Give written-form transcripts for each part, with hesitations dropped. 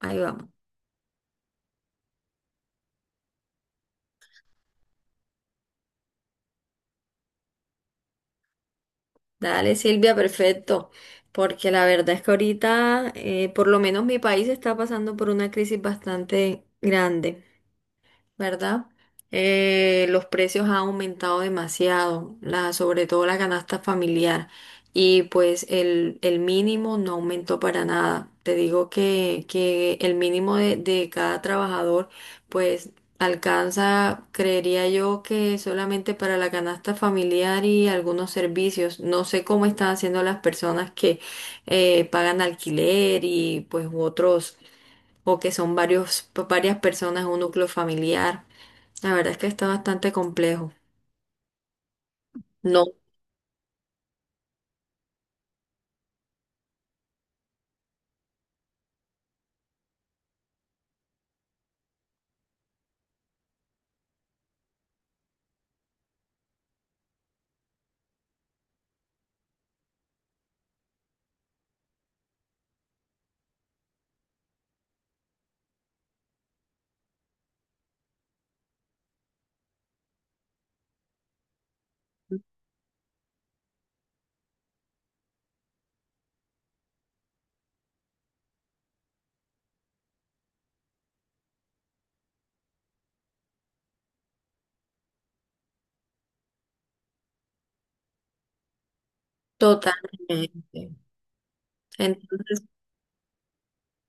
Ahí vamos. Dale, Silvia, perfecto. Porque la verdad es que ahorita, por lo menos mi país está pasando por una crisis bastante grande. ¿Verdad? Los precios han aumentado demasiado, sobre todo la canasta familiar. Y pues el mínimo no aumentó para nada. Te digo que el mínimo de cada trabajador pues alcanza, creería yo que solamente para la canasta familiar y algunos servicios. No sé cómo están haciendo las personas que pagan alquiler y pues u otros, o que son varios, varias personas en un núcleo familiar. La verdad es que está bastante complejo. No, totalmente. Entonces,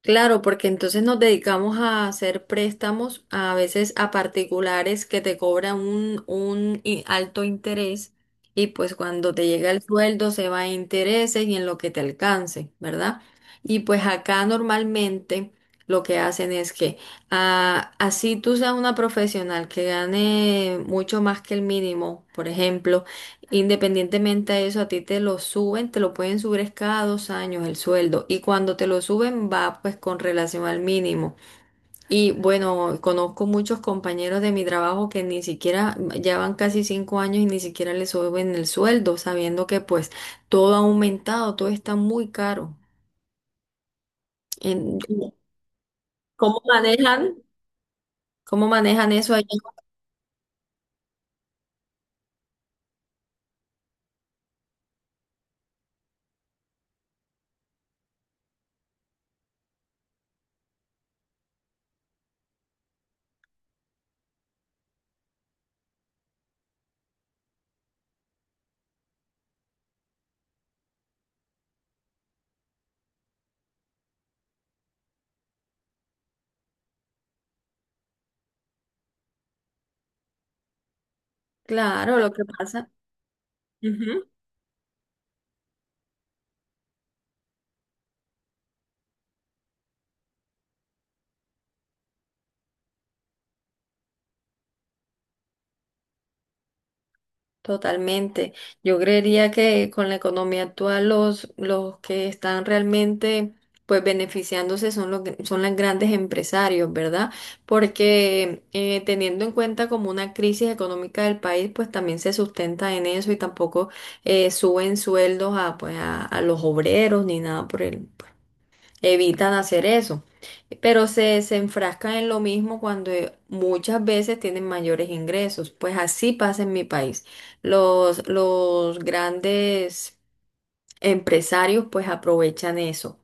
claro, porque entonces nos dedicamos a hacer préstamos a veces a particulares que te cobran un alto interés y pues cuando te llega el sueldo se va a intereses y en lo que te alcance, ¿verdad? Y pues acá normalmente lo que hacen es que ah, así tú seas una profesional que gane mucho más que el mínimo, por ejemplo. Independientemente a eso, a ti te lo suben, te lo pueden subir es cada dos años el sueldo y cuando te lo suben va pues con relación al mínimo. Y bueno, conozco muchos compañeros de mi trabajo que ni siquiera, ya van casi cinco años y ni siquiera les suben el sueldo, sabiendo que pues todo ha aumentado, todo está muy caro. En- ¿cómo manejan? ¿Cómo manejan eso allá? Claro, lo que pasa. Ujú. Totalmente. Yo creería que con la economía actual los que están realmente pues beneficiándose son son los grandes empresarios, ¿verdad? Porque teniendo en cuenta como una crisis económica del país, pues también se sustenta en eso y tampoco suben sueldos a, pues, a los obreros ni nada por el, evitan hacer eso, pero se enfrascan en lo mismo cuando muchas veces tienen mayores ingresos. Pues así pasa en mi país. Los grandes empresarios pues aprovechan eso.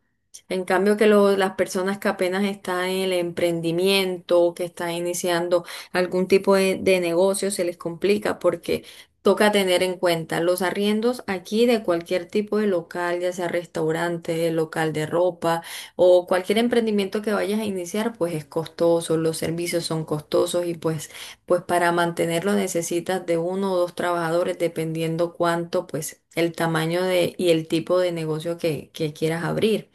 En cambio que las personas que apenas están en el emprendimiento, que están iniciando algún tipo de negocio, se les complica porque toca tener en cuenta los arriendos aquí de cualquier tipo de local, ya sea restaurante, local de ropa o cualquier emprendimiento que vayas a iniciar, pues es costoso, los servicios son costosos y pues para mantenerlo necesitas de uno o dos trabajadores, dependiendo cuánto, pues el tamaño de, y el tipo de negocio que quieras abrir,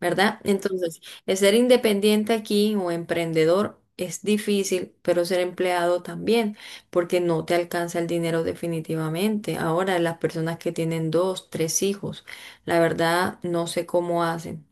¿verdad? Entonces, el ser independiente aquí o emprendedor es difícil, pero ser empleado también, porque no te alcanza el dinero definitivamente. Ahora, las personas que tienen dos, tres hijos, la verdad, no sé cómo hacen.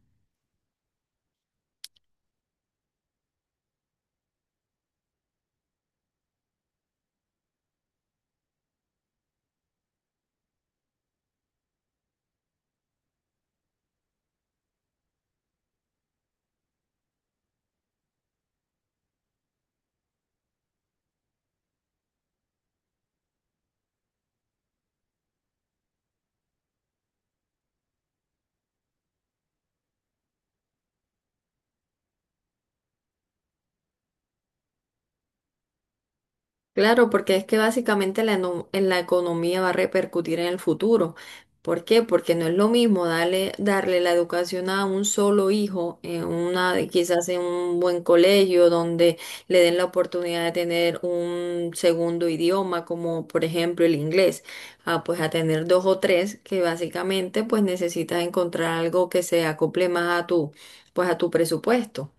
Claro, porque es que básicamente en la economía va a repercutir en el futuro. ¿Por qué? Porque no es lo mismo darle, darle la educación a un solo hijo, en una, quizás en un buen colegio donde le den la oportunidad de tener un segundo idioma, como por ejemplo el inglés, a, pues a tener dos o tres que básicamente pues necesitas encontrar algo que se acople más a tu, pues a tu presupuesto.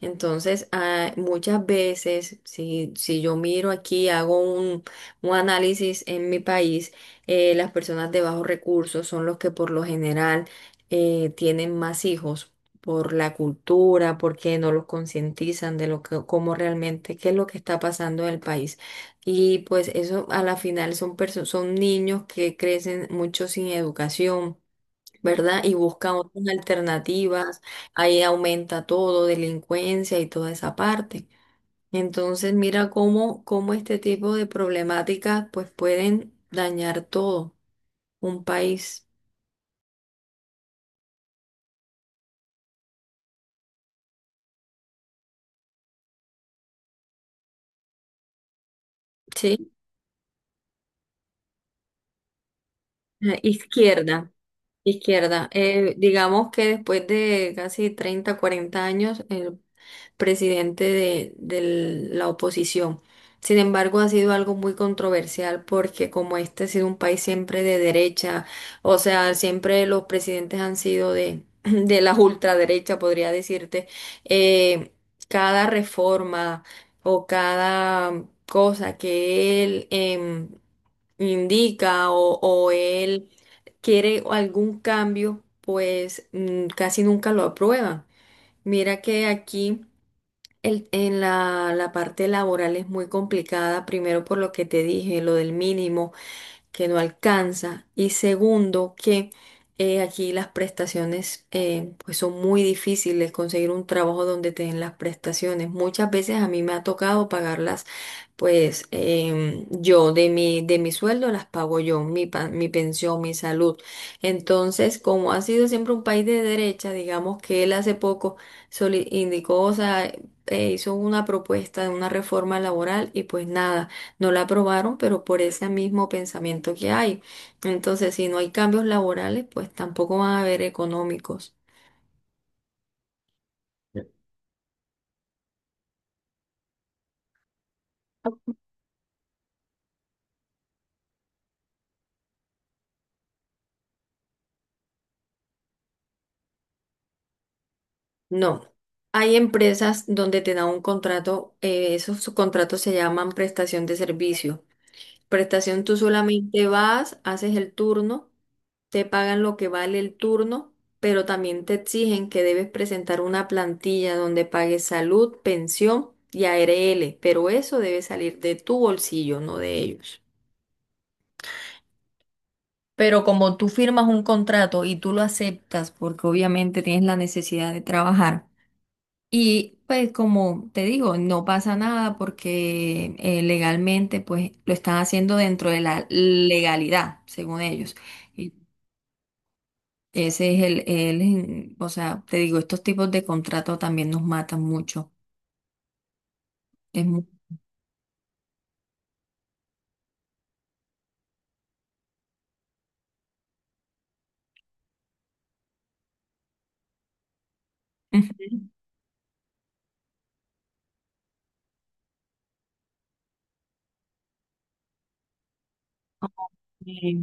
Entonces, ah, muchas veces, si yo miro aquí, hago un análisis en mi país, las personas de bajos recursos son los que por lo general tienen más hijos por la cultura, porque no los concientizan de lo que, cómo realmente, qué es lo que está pasando en el país. Y pues eso a la final son son niños que crecen mucho sin educación, ¿verdad? Y buscan otras alternativas, ahí aumenta todo, delincuencia y toda esa parte. Entonces, mira cómo, cómo este tipo de problemáticas pues pueden dañar todo un país, ¿sí? Izquierda, izquierda. Digamos que después de casi 30 40 años, el presidente de la oposición. Sin embargo, ha sido algo muy controversial porque como este ha sido un país siempre de derecha, o sea, siempre los presidentes han sido de, de la ultraderecha, podría decirte, eh, cada reforma o cada cosa que él indica o él quiere algún cambio, pues casi nunca lo aprueban. Mira que aquí... El- en la parte laboral es muy complicada, primero por lo que te dije, lo del mínimo que no alcanza y segundo que aquí las prestaciones pues son muy difíciles conseguir un trabajo donde te den las prestaciones. Muchas veces a mí me ha tocado pagarlas pues yo de mi sueldo las pago yo, mi pensión, mi salud. Entonces, como ha sido siempre un país de derecha, digamos que él hace poco indicó, o sea, hizo una propuesta de una reforma laboral y pues nada, no la aprobaron, pero por ese mismo pensamiento que hay. Entonces, si no hay cambios laborales, pues tampoco van a haber económicos. No. Hay empresas donde te dan un contrato, esos contratos se llaman prestación de servicio. Prestación, tú solamente vas, haces el turno, te pagan lo que vale el turno, pero también te exigen que debes presentar una plantilla donde pagues salud, pensión y ARL, pero eso debe salir de tu bolsillo, no de ellos. Pero como tú firmas un contrato y tú lo aceptas, porque obviamente tienes la necesidad de trabajar, y pues como te digo, no pasa nada porque legalmente pues lo están haciendo dentro de la legalidad, según ellos. Y ese es o sea, te digo, estos tipos de contratos también nos matan mucho. Es mu- Ujú. Eh,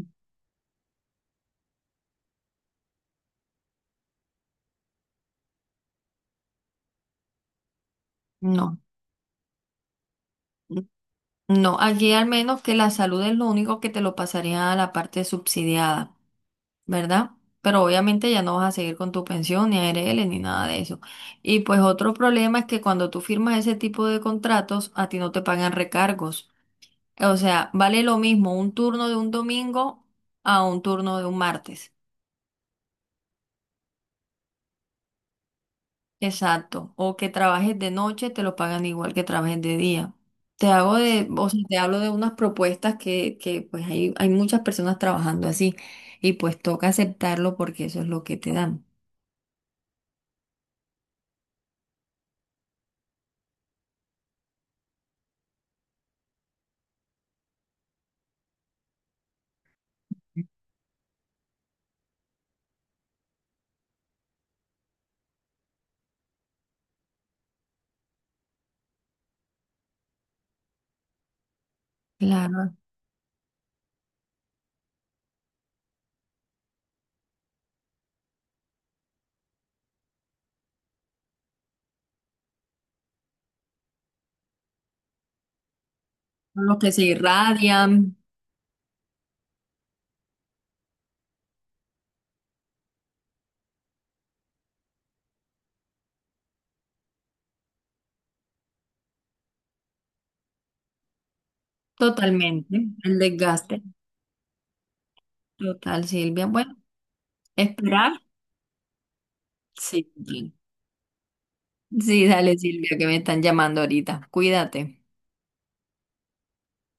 No, no, aquí al menos que la salud es lo único que te lo pasaría a la parte subsidiada. ¿Verdad? Pero obviamente ya no vas a seguir con tu pensión, ni ARL, ni nada de eso. Y pues otro problema es que cuando tú firmas ese tipo de contratos, a ti no te pagan recargos. O sea, vale lo mismo un turno de un domingo a un turno de un martes. Exacto. O que trabajes de noche, te lo pagan igual que trabajes de día. Te hago de, o sea, te hablo de unas propuestas que pues hay muchas personas trabajando así y pues toca aceptarlo porque eso es lo que te dan. Claro. Con lo que se irradian totalmente, el desgaste total, Silvia. Bueno, esperar. Sí, sí, dale, Silvia, que me están llamando ahorita. Cuídate.